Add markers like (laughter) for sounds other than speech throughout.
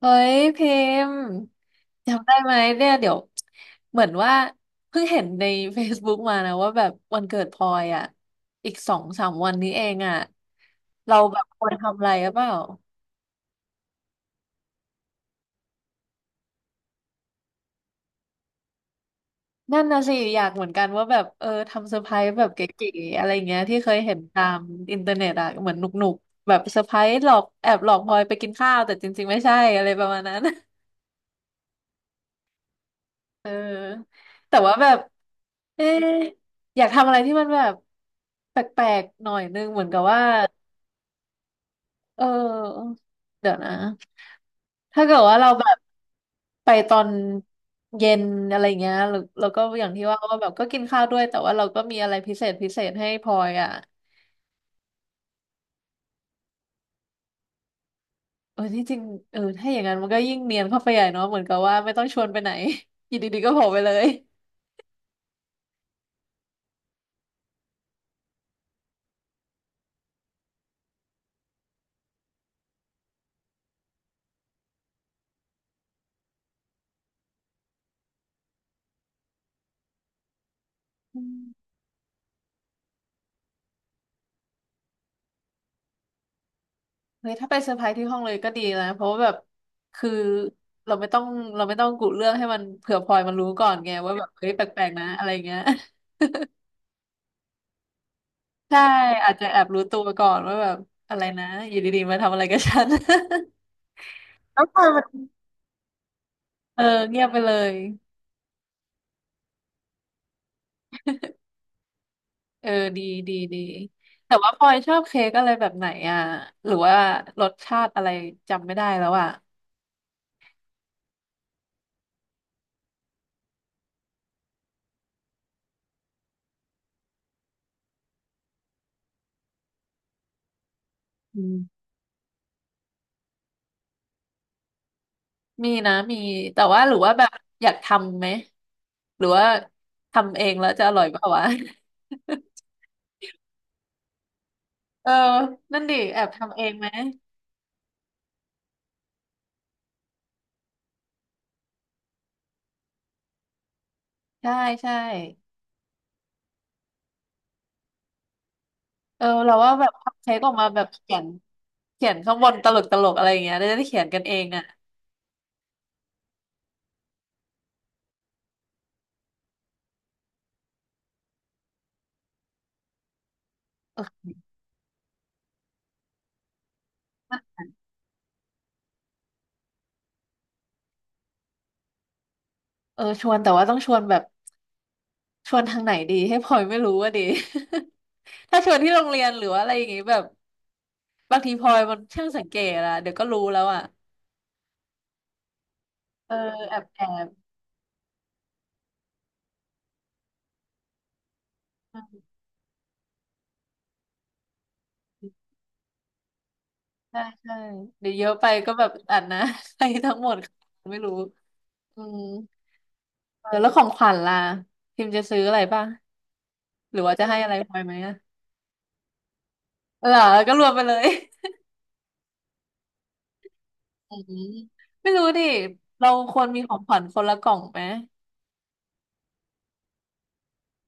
เฮ้ยพิมพ์จำได้ไหมเนี่ยเดี๋ยวเหมือนว่าเพิ่งเห็นใน Facebook มานะว่าแบบวันเกิดพลอยอ่ะอีกสองสามวันนี้เองอ่ะเราแบบควรทำอะไรหรือเปล่านั่นนะสิอยากเหมือนกันว่าแบบเออทำเซอร์ไพรส์แบบเก๋ๆอะไรเงี้ยที่เคยเห็นตามอินเทอร์เน็ตอ่ะเหมือนหนุกๆแบบเซอร์ไพรส์หลอกแอบหลอกพลอยไปกินข้าวแต่จริงๆไม่ใช่อะไรประมาณนั้น เออแต่ว่าแบบเอ๊ะอยากทำอะไรที่มันแบบแปลกๆหน่อยนึงเหมือนกับว่าเออเดี๋ยวนะถ้าเกิดว่าเราแบบไปตอนเย็นอะไรเงี้ยหรือแล้วก็อย่างที่ว่าว่าแบบก็กินข้าวด้วยแต่ว่าเราก็มีอะไรพิเศษพิเศษให้พลอยอ่ะเออที่จริงเออถ้าอย่างนั้นมันก็ยิ่งเนียนเข้าไปใหญ่เนาะเหมือนกับว่าไม่ต้องชวนไปไหน (laughs) อยู่ดีๆก็โผล่ไปเลย เฮ้ยถ้าไปเซอร์ไพรส์ที่ห้องเลยก็ดีนะเพราะว่าแบบคือเราไม่ต้องเราไม่ต้องกุเรื่องให้มันเผื่อพลอยมันรู้ก่อนไงว่าแบบเฮ้ยแปลกๆนะอะไรเงี้ย (laughs) ใช่อาจจะแอบรู้ตัวก่อนว่าแบบอะไรนะอยู่ดีๆมาทำอะไรกับฉัน (laughs) เออเงียบไปเลยเออดีดีดีแต่ว่าพลอยชอบเค้กอะไรแบบไหนอ่ะหรือว่ารสชาติอะไรจำไม่ได้แล้วอ่ะอืมมีนะมีแต่ว่าหรือว่าแบบอยากทำไหมหรือว่าทำเองแล้วจะอร่อยเปล่าวะ (laughs) เออนั่นดิแอบทำเองไหมใช่ใช่เออเราว่าแบบทำเค้กออกมาแบบเขียนเขียนข้างบนตลกตลกอะไรอย่างเงี้ยได้ได้เขียนกันเองอ่ะเออเออชวนแต่ว่าต้องชวนแบบชวนทางไหนดีให้พลอยไม่รู้ว่าดี (laughs) ถ้าชวนที่โรงเรียนหรือว่าอะไรอย่างงี้แบบบางทีพลอยมันช่างสังเกตอะเดี๋ยวก็รู้แล้วอ่ะเออแอบแอบใช่ใช่เดี๋ยวเยอะไปก็แบบอัดนะ (laughs) ใครทั้งหมดไม่รู้อืมเออแล้วของขวัญล่ะพิมจะซื้ออะไรป่ะ หรือว่าจะให้อะไรพลอยไหมอะเหรอก็รวมไปเลย (laughs) อืม (laughs) ไม่รู้ดิเราควรมีของขวัญคนละกล่องไหม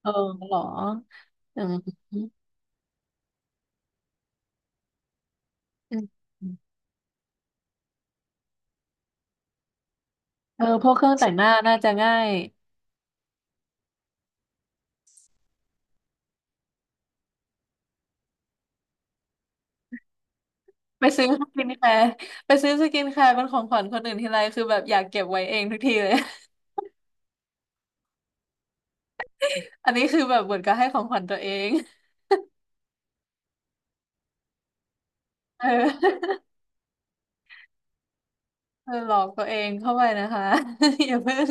เออเหรออืมอืมเออพวกเครื่องแต่งหน้าน่าจะง่ายไปซื้อสกินแคร์ไปซื้อสกินแคร์เป็นของขวัญคนอื่นทีไรคือแบบอยากเก็บไว้เองทุกทีเลย (laughs) อันนี้คือแบบเหมือนกับให้ของขวัญตัวเองเออ (laughs) เออหลอกตัวเองเข้าไปนะคะ (laughs) อย่าเพิ่ง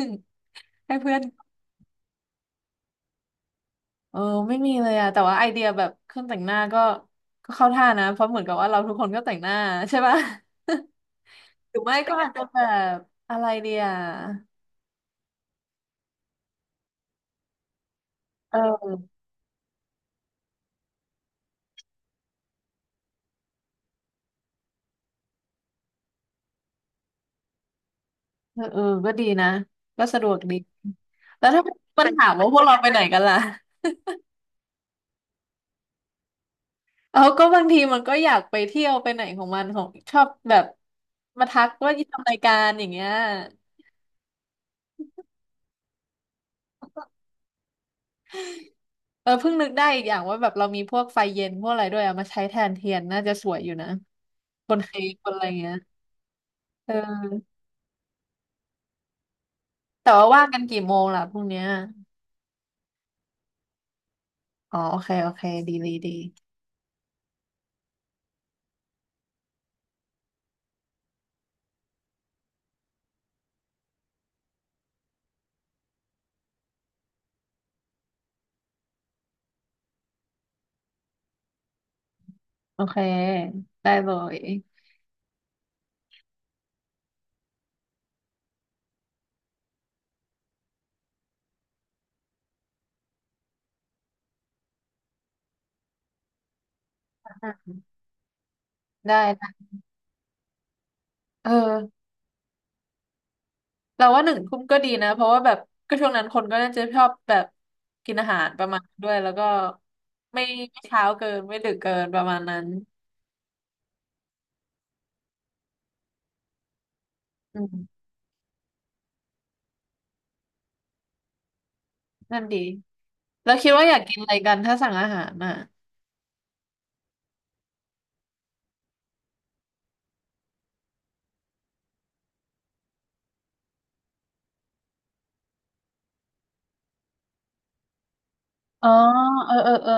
ให้เพื่อน เออไม่มีเลยอะแต่ว่าไอเดียแบบเครื่องแต่งหน้าก็ก็เข้าท่านะเพราะเหมือนกับว่าเราทุกคนก็แต่งหน้า (laughs) ใช่ป่ะ (laughs) หรือไม่ก็อาจจะแบบอะไรเดียเออเออเออก็ดีนะก็สะดวกดีแล้วถ้ามันถามว่าพวกเราไปไหนกันล่ะเอาก็บางทีมันก็อยากไปเที่ยวไปไหนของมันของชอบแบบมาทักว่าจะทำรายการอย่างเงี้ยเออเพิ่งนึกได้อีกอย่างว่าแบบเรามีพวกไฟเย็นพวกอะไรด้วยเอามาใช้แทนเทียนน่าจะสวยอยู่นะบนเค้กบนอะไรเงี้ยเออ แต่ว่าว่างกันกี่โมงล่ะพรุ่งเนี้ยอ๋อโอเคโอเคดีดีดีโอเคได้เลยอ่ะได้นะเออเราว่า1 ทุ่มก็ดีนะเพราะว่าแบบก็ช่วงนั้นคนก็น่าจะชอบแบบกินอาหารประมาณด้วยแล้วก็ไม่ไม่เช้าเกินไม่ดึกเกินประมาณนั้นอืมนั่นดีแล้วคิดว่าอยากกินอะไรกันถ้าสั่งอาหารอ่ะอ๋อเออเออเออ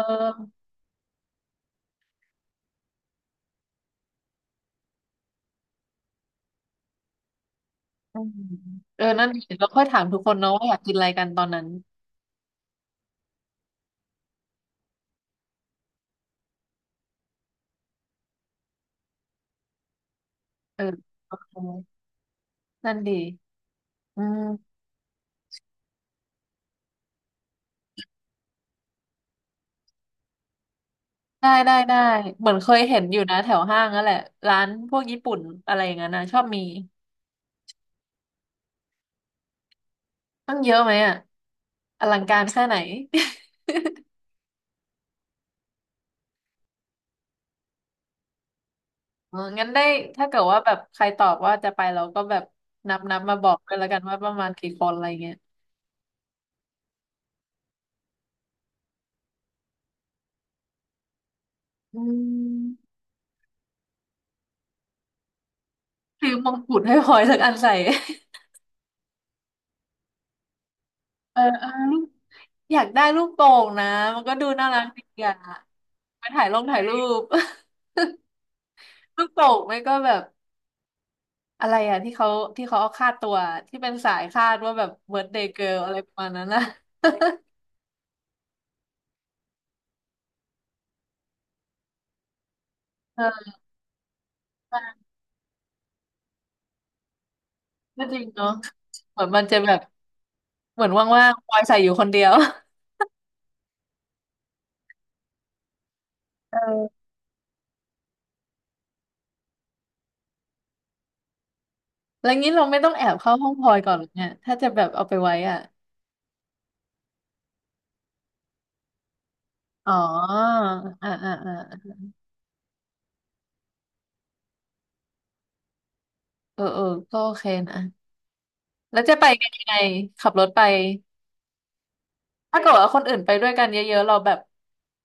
อืมเออนั่นดีเราค่อยถามทุกคนเนาะว่าอยากกินอะไรกันตอนนั้นเออโอเคนั่นดีอืม ได้ได้ได้เหมือนเคยเห็นอยู่นะแถวห้างนั่นแหละร้านพวกญี่ปุ่นอะไรอย่างนั้นนะชอบมีต้องเยอะไหมอ่ะอลังการแค่ไหน (laughs) เอองั้นได้ถ้าเกิดว่าแบบใครตอบว่าจะไปเราก็แบบนับมาบอกกันแล้วกันว่าประมาณกี่คนอะไรเงี้ยอืมถือมงกุฎให้พลอยสักอันใส่ (laughs) เออเออลูกอยากได้ลูกโป่งนะมันก็ดูน่ารักดีอ่ะไปถ่ายลงถ่ายรูป (laughs) ลูกโป่งไม่ก็แบบ อะไรอ่ะที่เขาที่เขาเอาค่าตัวที่เป็นสายคาดว่าแบบเบิร์ d เดย์เกิร์ลอะไรประมาณนั้นนะเออใช่ก็จริงเนาะเหมือนมันจะแบบเหมือนว่างๆพลอยใส่อยู่คนเดียวเออแล้วงี้เราไม่ต้องแอบเข้าห้องพลอยก่อนหรอเนี่ยถ้าจะแบบเอาไปไว้อ่ะอ๋ออ่าอ่าอ่าเออเออก็โอเคนะแล้วจะไปกันยังไงขับรถไปถ้าเกิดว่าคนอื่นไปด้วยกันเยอะๆเราแบบ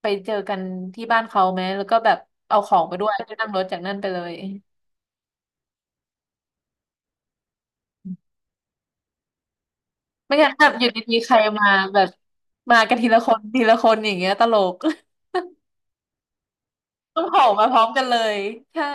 ไปเจอกันที่บ้านเขาไหมแล้วก็แบบเอาของไปด้วยแล้วก็นั่งรถจากนั่นไปเลย ไม่งั้นแบบอยู่ดีๆใครมาแบบมากันทีละคนทีละคนอย่างเงี้ยตลก (laughs) ต้องโผล่มาพร้อมกันเลยใช่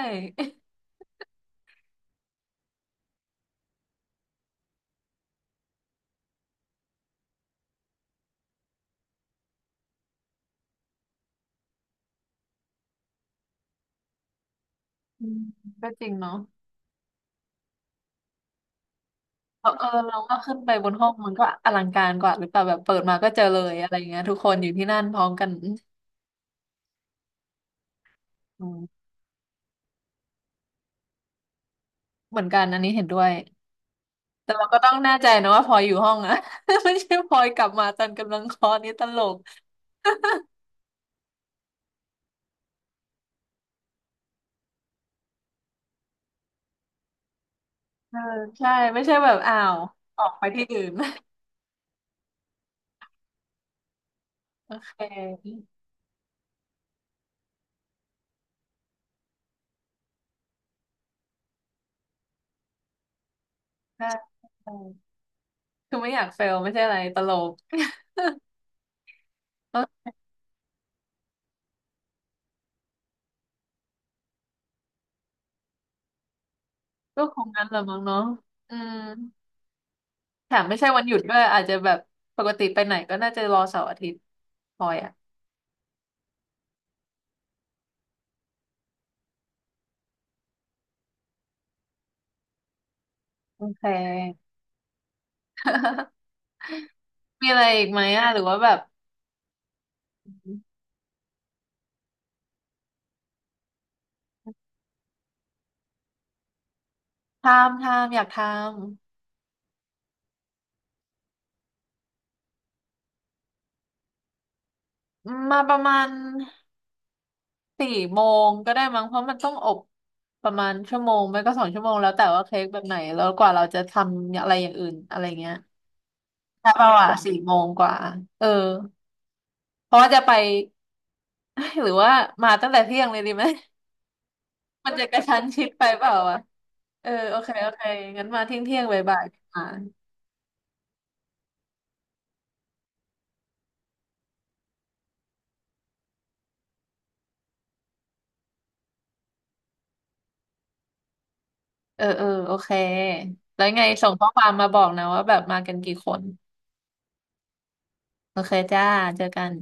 อืมก็จริงเนาะเออเออเราก็ขึ้นไปบนห้องมันก็อลังการกว่าหรือเปล่าแบบเปิดมาก็เจอเลยอะไรเงี้ยทุกคนอยู่ที่นั่นพร้อมกันอืมอืมเหมือนกันอันนี้เห็นด้วยแต่เราก็ต้องแน่ใจนะว่าพลอยอยู่ห้องอะ (laughs) ไม่ใช่พลอยกลับมาตอนกำลังคลอดนี่ตลกเออใช่ไม่ใช่แบบอ้าวออกไปที่อื่น (laughs) โอเคใช่ คือไม่อยากเฟลไม่ใช่อะไรตลกก็ก็คงงั้นแหละมั้งเนาะอืมแถมไม่ใช่วันหยุดด้วยอาจจะแบบปกติไปไหนก็น่าจะรอเสาร์อาทิตย์พอยอ่ะโอเค (laughs) มีอะไรอีกไหมอ่ะหรือว่าแบบทำอยากทำมมาประมาณสี่โมงก็ได้มั้งเพราะมันต้องอบประมาณชั่วโมงไม่ก็2 ชั่วโมงแล้วแต่ว่าเค้กแบบไหนแล้วกว่าเราจะทำอะไรอย่างอื่นอะไรเงี้ยแต่เราอ่ะสี่โมงกว่าเออเพราะว่าจะไป (laughs) หรือว่ามาตั้งแต่เที่ยงเลยดีไหม (laughs) มันจะกระชั้นชิดไปเปล่าอ่ะเออโอเคโอเคงั้นมาเที่ยงเที่ยงบ่ายบ่ายมาเออเออโอเคแล้วไงส่งข้อความมาบอกนะว่าแบบมากันกี่คนโอเคจ้าเจอกัน